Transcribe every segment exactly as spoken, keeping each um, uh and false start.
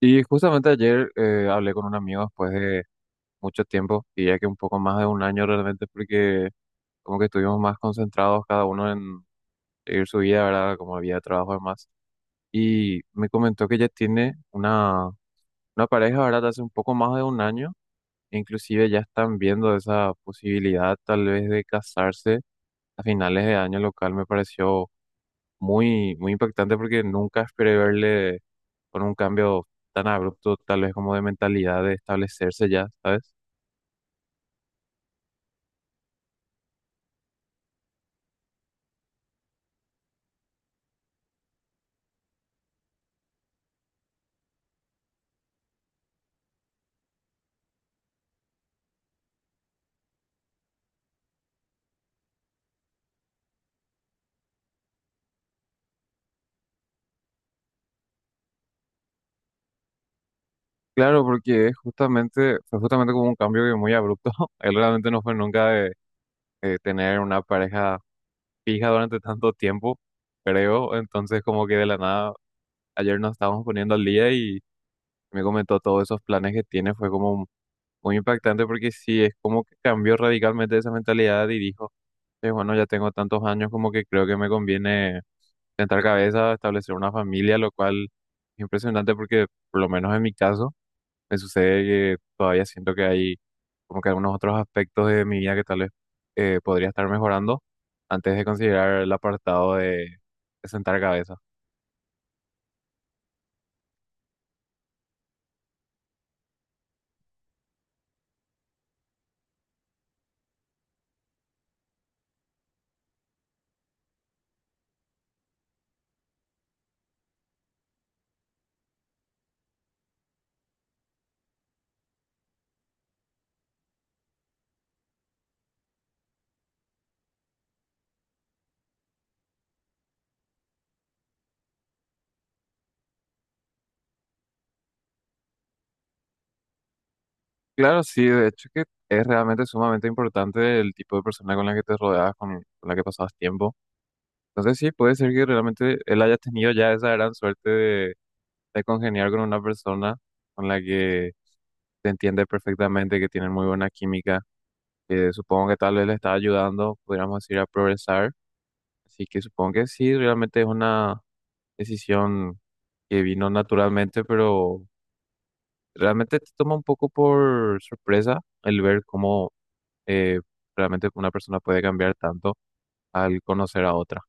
Y justamente ayer eh, hablé con un amigo después de mucho tiempo, y ya que un poco más de un año realmente, porque como que estuvimos más concentrados cada uno en seguir su vida, ¿verdad? Como vida de trabajo y demás. Y me comentó que ya tiene una, una pareja, ¿verdad? Hace un poco más de un año, e inclusive ya están viendo esa posibilidad tal vez de casarse a finales de año, lo cual me pareció muy, muy impactante porque nunca esperé verle con un cambio tan abrupto, tal vez como de mentalidad de establecerse ya, ¿sabes? Claro, porque es justamente, fue justamente como un cambio que muy abrupto. Él realmente no fue nunca de, de tener una pareja fija durante tanto tiempo, creo. Entonces, como que de la nada, ayer nos estábamos poniendo al día y me comentó todos esos planes que tiene. Fue como muy impactante porque sí, es como que cambió radicalmente esa mentalidad y dijo. Sí, bueno, ya tengo tantos años como que creo que me conviene sentar cabeza, establecer una familia, lo cual es impresionante porque por lo menos en mi caso me sucede que todavía siento que hay como que algunos otros aspectos de mi vida que tal vez eh, podría estar mejorando antes de considerar el apartado de, de sentar cabeza. Claro, sí, de hecho que es realmente sumamente importante el tipo de persona con la que te rodeas, con, con la que pasas tiempo. Entonces sí, puede ser que realmente él haya tenido ya esa gran suerte de congeniar con una persona con la que te entiende perfectamente, que tienen muy buena química, que supongo que tal vez le está ayudando, pudiéramos decir, a progresar. Así que supongo que sí, realmente es una decisión que vino naturalmente, pero realmente te toma un poco por sorpresa el ver cómo eh, realmente una persona puede cambiar tanto al conocer a otra.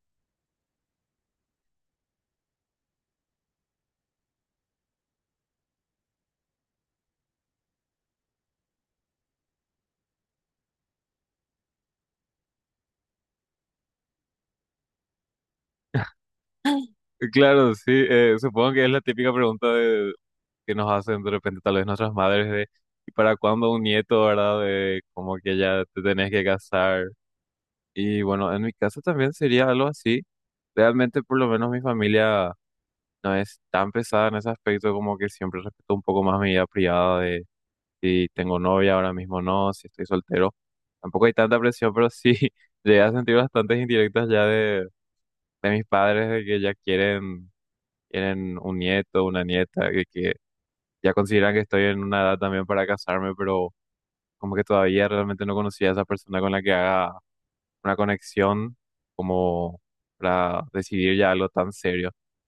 Claro, sí, eh, supongo que es la típica pregunta de- que nos hacen de repente tal vez nuestras madres de ¿y para cuándo un nieto, verdad? De como que ya te tenés que casar. Y bueno, en mi caso también sería algo así. Realmente por lo menos mi familia no es tan pesada en ese aspecto como que siempre respeto un poco más mi vida privada de si tengo novia ahora mismo o no, si estoy soltero. Tampoco hay tanta presión, pero sí llegué a sentir bastantes indirectas ya de, de mis padres de que ya quieren, quieren un nieto, una nieta, que, que ya consideran que estoy en una edad también para casarme, pero como que todavía realmente no conocía a esa persona con la que haga una conexión como para decidir ya algo tan serio.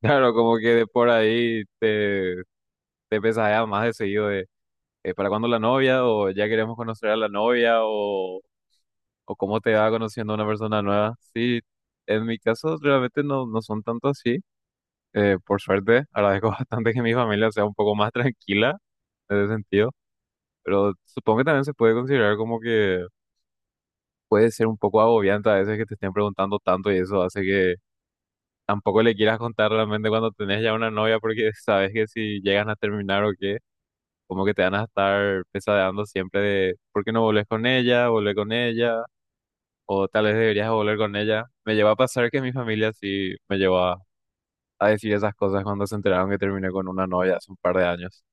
Claro, como que de por ahí te, te pesadea más de seguido de eh, ¿para cuándo la novia? O ya queremos conocer a la novia o, o cómo te va conociendo a una persona nueva. Sí, en mi caso realmente no, no son tanto así. Eh, por suerte, agradezco bastante que mi familia sea un poco más tranquila en ese sentido, pero supongo que también se puede considerar como que puede ser un poco agobiante a veces que te estén preguntando tanto y eso hace que tampoco le quieras contar realmente cuando tenés ya una novia porque sabes que si llegan a terminar o qué como que te van a estar pesadeando siempre de por qué no volvés con ella, volver con ella, o tal vez deberías volver con ella. Me llevó a pasar que mi familia sí me llevó a, a decir esas cosas cuando se enteraron que terminé con una novia hace un par de años.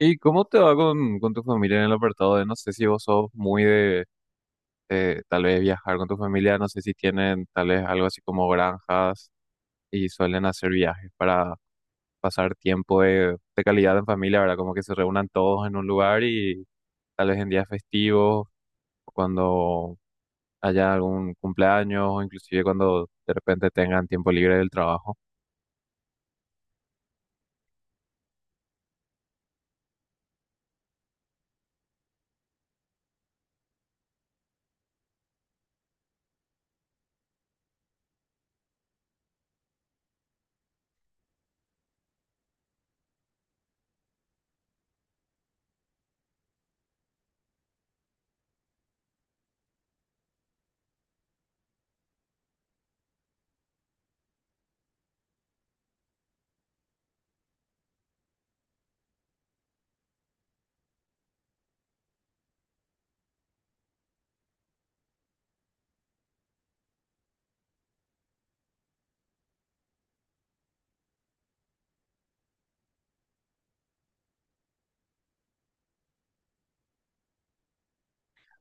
¿Y cómo te va con, con tu familia en el apartado de, no sé si vos sos muy de, de tal vez viajar con tu familia, no sé si tienen tal vez algo así como granjas y suelen hacer viajes para pasar tiempo de, de calidad en familia, ¿verdad? Como que se reúnan todos en un lugar y tal vez en días festivos cuando haya algún cumpleaños o inclusive cuando de repente tengan tiempo libre del trabajo.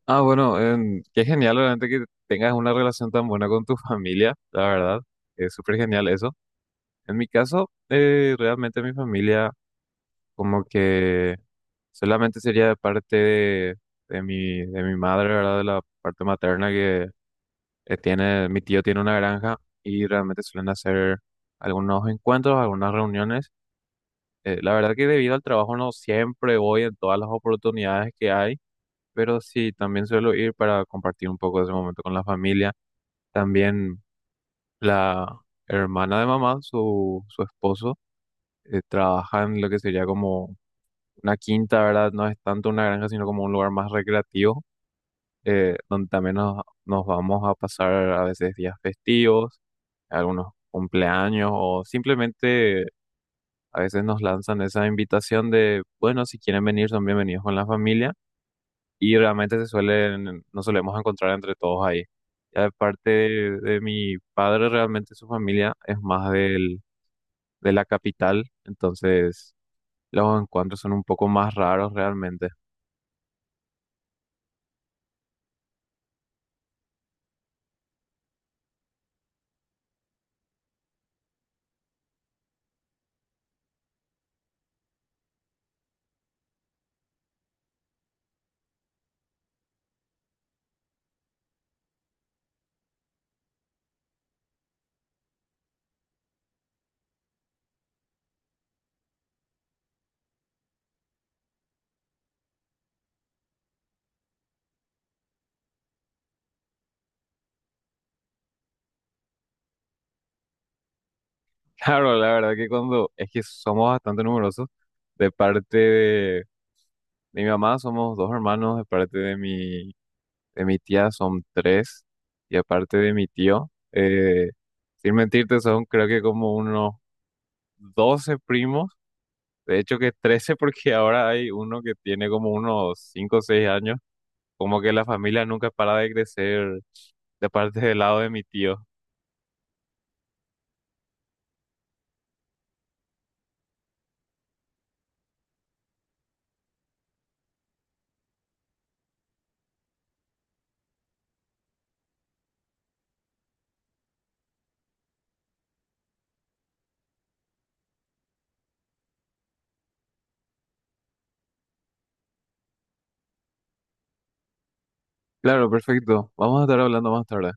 Ah, bueno, em, qué genial realmente que tengas una relación tan buena con tu familia, la verdad. Es súper genial eso. En mi caso, eh, realmente mi familia como que solamente sería de parte de, de mi, de mi madre, ¿verdad? De la parte materna que eh, tiene, mi tío tiene una granja y realmente suelen hacer algunos encuentros, algunas reuniones. Eh, la verdad que debido al trabajo no siempre voy en todas las oportunidades que hay, pero sí, también suelo ir para compartir un poco de ese momento con la familia. También la hermana de mamá, su, su esposo, eh, trabaja en lo que sería como una quinta, ¿verdad? No es tanto una granja, sino como un lugar más recreativo, eh, donde también nos, nos vamos a pasar a veces días festivos, algunos cumpleaños o simplemente a veces nos lanzan esa invitación de, bueno, si quieren venir, son bienvenidos con la familia y realmente se suelen, nos solemos encontrar entre todos ahí. Ya de parte de, de mi padre, realmente su familia es más del, de la capital, entonces los encuentros son un poco más raros realmente. Claro, la verdad que cuando es que somos bastante numerosos, de parte de, de mi mamá somos dos hermanos. De parte de mi De mi tía son tres. Y aparte de mi tío, eh, sin mentirte, son creo que como unos doce primos. De hecho que trece porque ahora hay uno que tiene como unos cinco o seis años. Como que la familia nunca para de crecer de parte del lado de mi tío. Claro, perfecto. Vamos a estar hablando más tarde.